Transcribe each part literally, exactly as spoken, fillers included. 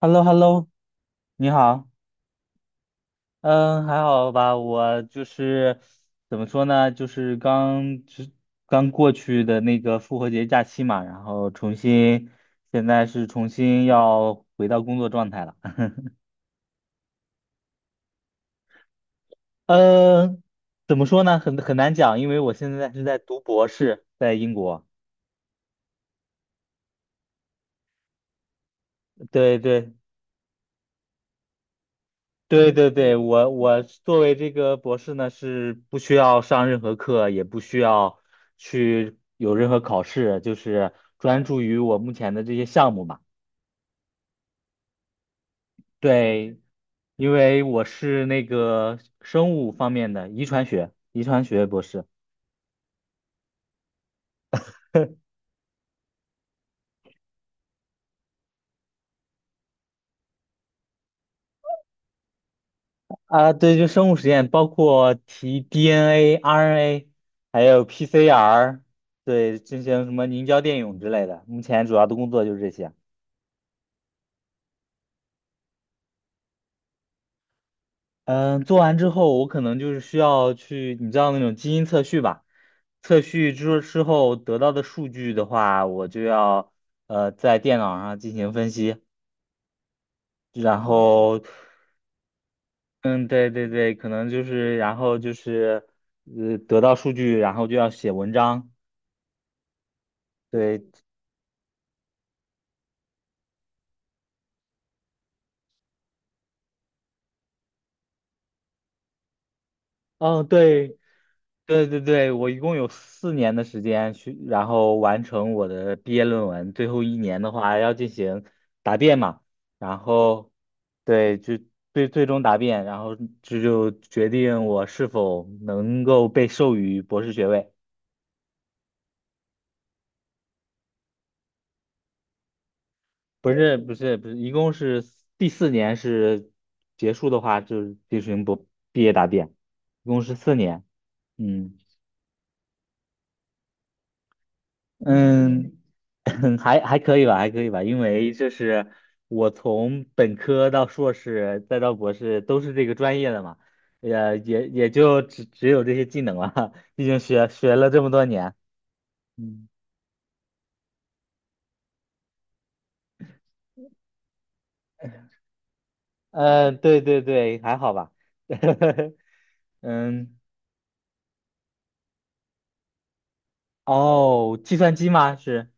h e l l o h e l l o 你好，嗯，还好吧？我就是怎么说呢，就是刚之刚过去的那个复活节假期嘛，然后重新，现在是重新要回到工作状态了。嗯，怎么说呢？很很难讲，因为我现在是在读博士，在英国。对对，对对对，我我作为这个博士呢，是不需要上任何课，也不需要去有任何考试，就是专注于我目前的这些项目嘛。对，因为我是那个生物方面的遗传学，遗传学博士啊，对，就生物实验，包括提 D N A、R N A，还有 P C R，对，进行什么凝胶电泳之类的。目前主要的工作就是这些。嗯，做完之后，我可能就是需要去，你知道那种基因测序吧？测序之之后得到的数据的话，我就要呃在电脑上进行分析，然后，嗯，对对对，可能就是然后就是呃得到数据，然后就要写文章，对，哦，对，对对对，我一共有四年的时间去，然后完成我的毕业论文。最后一年的话要进行答辩嘛，然后对，就最最终答辩，然后这就决定我是否能够被授予博士学位。不是不是不是，一共是第四年是结束的话，就是进行博毕业答辩，一共是四年。嗯。嗯，还还可以吧，还可以吧，因为就是我从本科到硕士再到博士都是这个专业的嘛，也也也就只只有这些技能了，毕竟学学了这么多年。嗯，呃，对对对，还好吧。嗯，哦，计算机吗？是，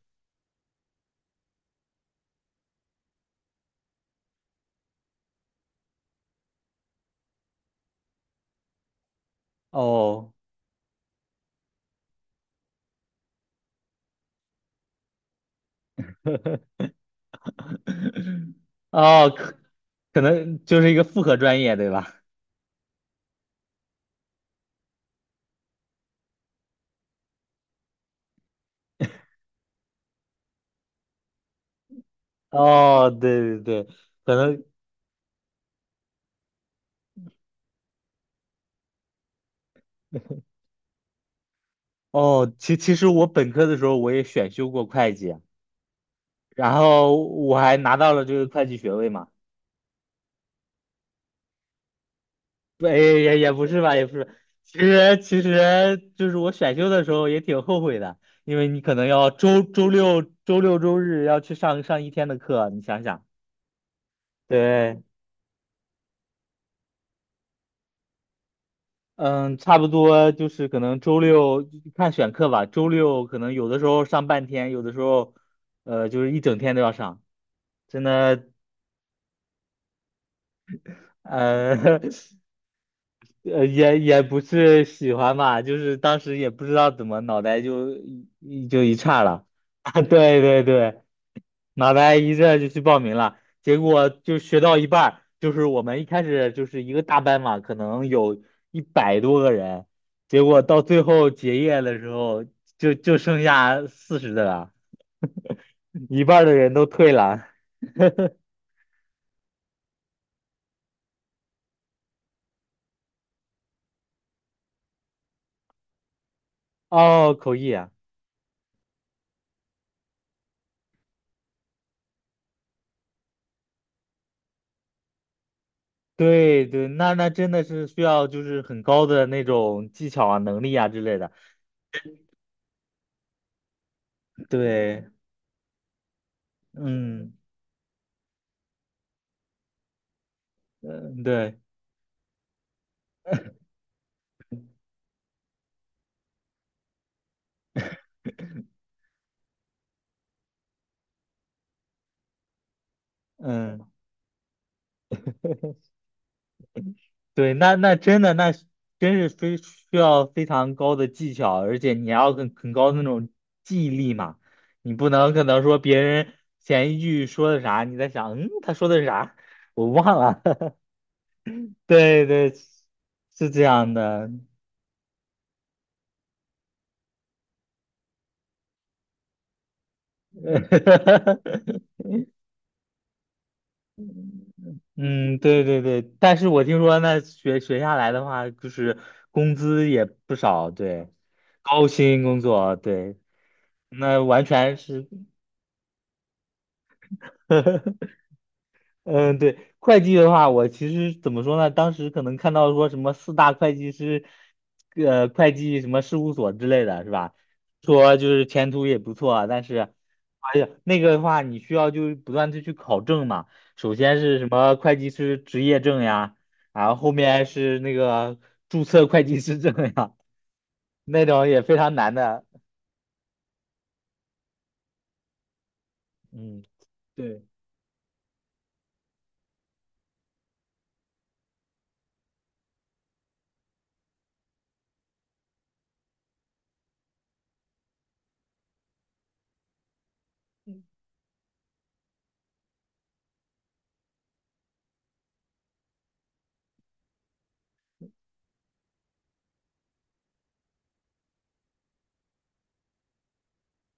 哦，哦，可可能就是一个复合专业，对吧？哦，对对对，可能哦，其其实我本科的时候我也选修过会计，然后我还拿到了这个会计学位嘛。不，也也也不是吧，也不是。其实其实就是我选修的时候也挺后悔的，因为你可能要周周六周六周日要去上上一天的课，你想想。对，嗯，差不多就是可能周六看选课吧，周六可能有的时候上半天，有的时候呃就是一整天都要上。真的，呃，呃，也也不是喜欢吧，就是当时也不知道怎么脑袋就一就一岔了 啊，对对对，脑袋一热就去报名了，结果就学到一半儿就是我们一开始就是一个大班嘛，可能有一百多个人，结果到最后结业的时候就就剩下四十的了，一半儿的人都退了。哦，口译啊。对对，那那真的是需要就是很高的那种技巧啊、能力啊之类的。对，嗯，嗯对，嗯，对，那那真的那是真是非需要非常高的技巧，而且你还要很很高的那种记忆力嘛，你不能可能说别人前一句说的啥，你在想，嗯，他说的是啥，我忘了。对对，是这样的。嗯，对对对，但是我听说那学学下来的话，就是工资也不少，对，高薪工作，对，那完全是，嗯，对，会计的话，我其实怎么说呢？当时可能看到说什么四大会计师，呃，会计什么事务所之类的，是吧？说就是前途也不错啊，但是，哎呀，那个的话，你需要就是不断的去考证嘛。首先是什么会计师执业证呀，然后后面是那个注册会计师证呀，那种也非常难的。嗯，对，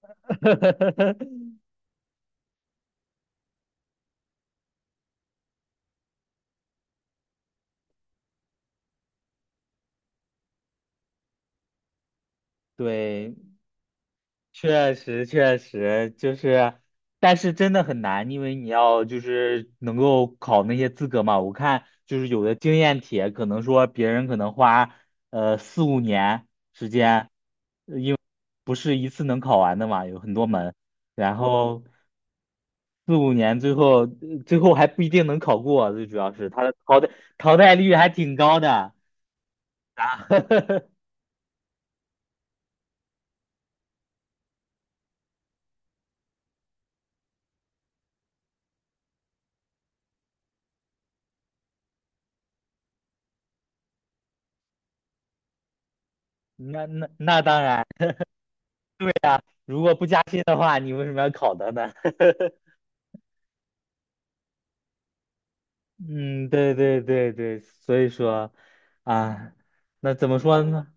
对，确实，确实就是，但是真的很难，因为你要就是能够考那些资格嘛。我看就是有的经验帖，可能说别人可能花呃四五年时间，不是一次能考完的嘛，有很多门，然后四五年最后呃最后还不一定能考过，最主要是它的淘汰淘汰率还挺高的啊。那那那当然，如果不加薪的话，你为什么要考它呢？嗯，对对对对，所以说啊，那怎么说呢？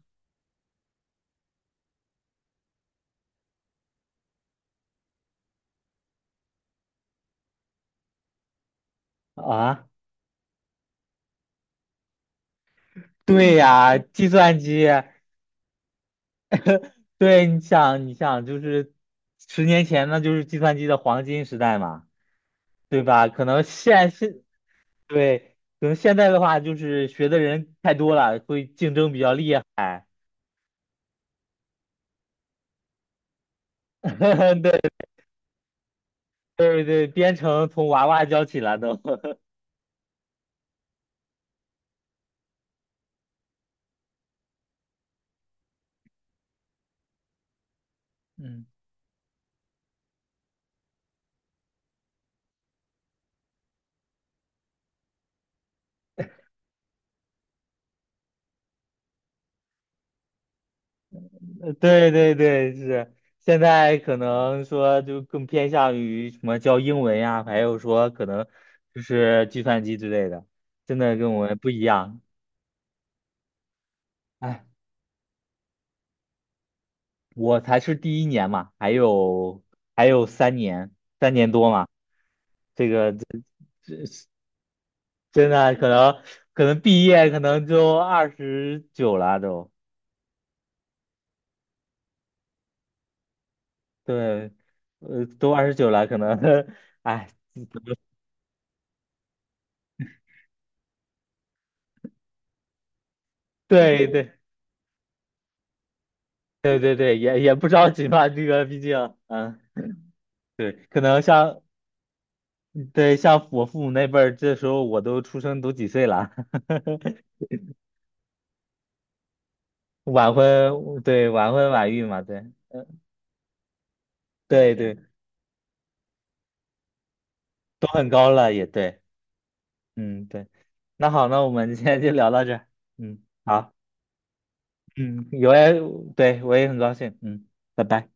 啊，对呀，计算机，对，你想，你想，就是十年前那就是计算机的黄金时代嘛，对吧？可能现现对，可能现在的话就是学的人太多了，会竞争比较厉害。对对对，编程从娃娃教起了都。嗯呃对对对，是现在可能说就更偏向于什么教英文呀，还有说可能就是计算机之类的，真的跟我们不一样。哎，我才是第一年嘛，还有还有三年，三年多嘛，这个真的可能可能毕业可能就二十九了都，对，呃，都二十九了，可能，哎，对对对对对，也也不着急吧，这个毕竟，嗯。对，可能像对像我父母那辈儿，这时候我都出生都几岁了，晚婚，对，晚婚晚育嘛，对，嗯对对，都很高了，也对，嗯，对，那好，那我们今天就聊到这儿，嗯，好，嗯，有也，对，我也很高兴，嗯，拜拜。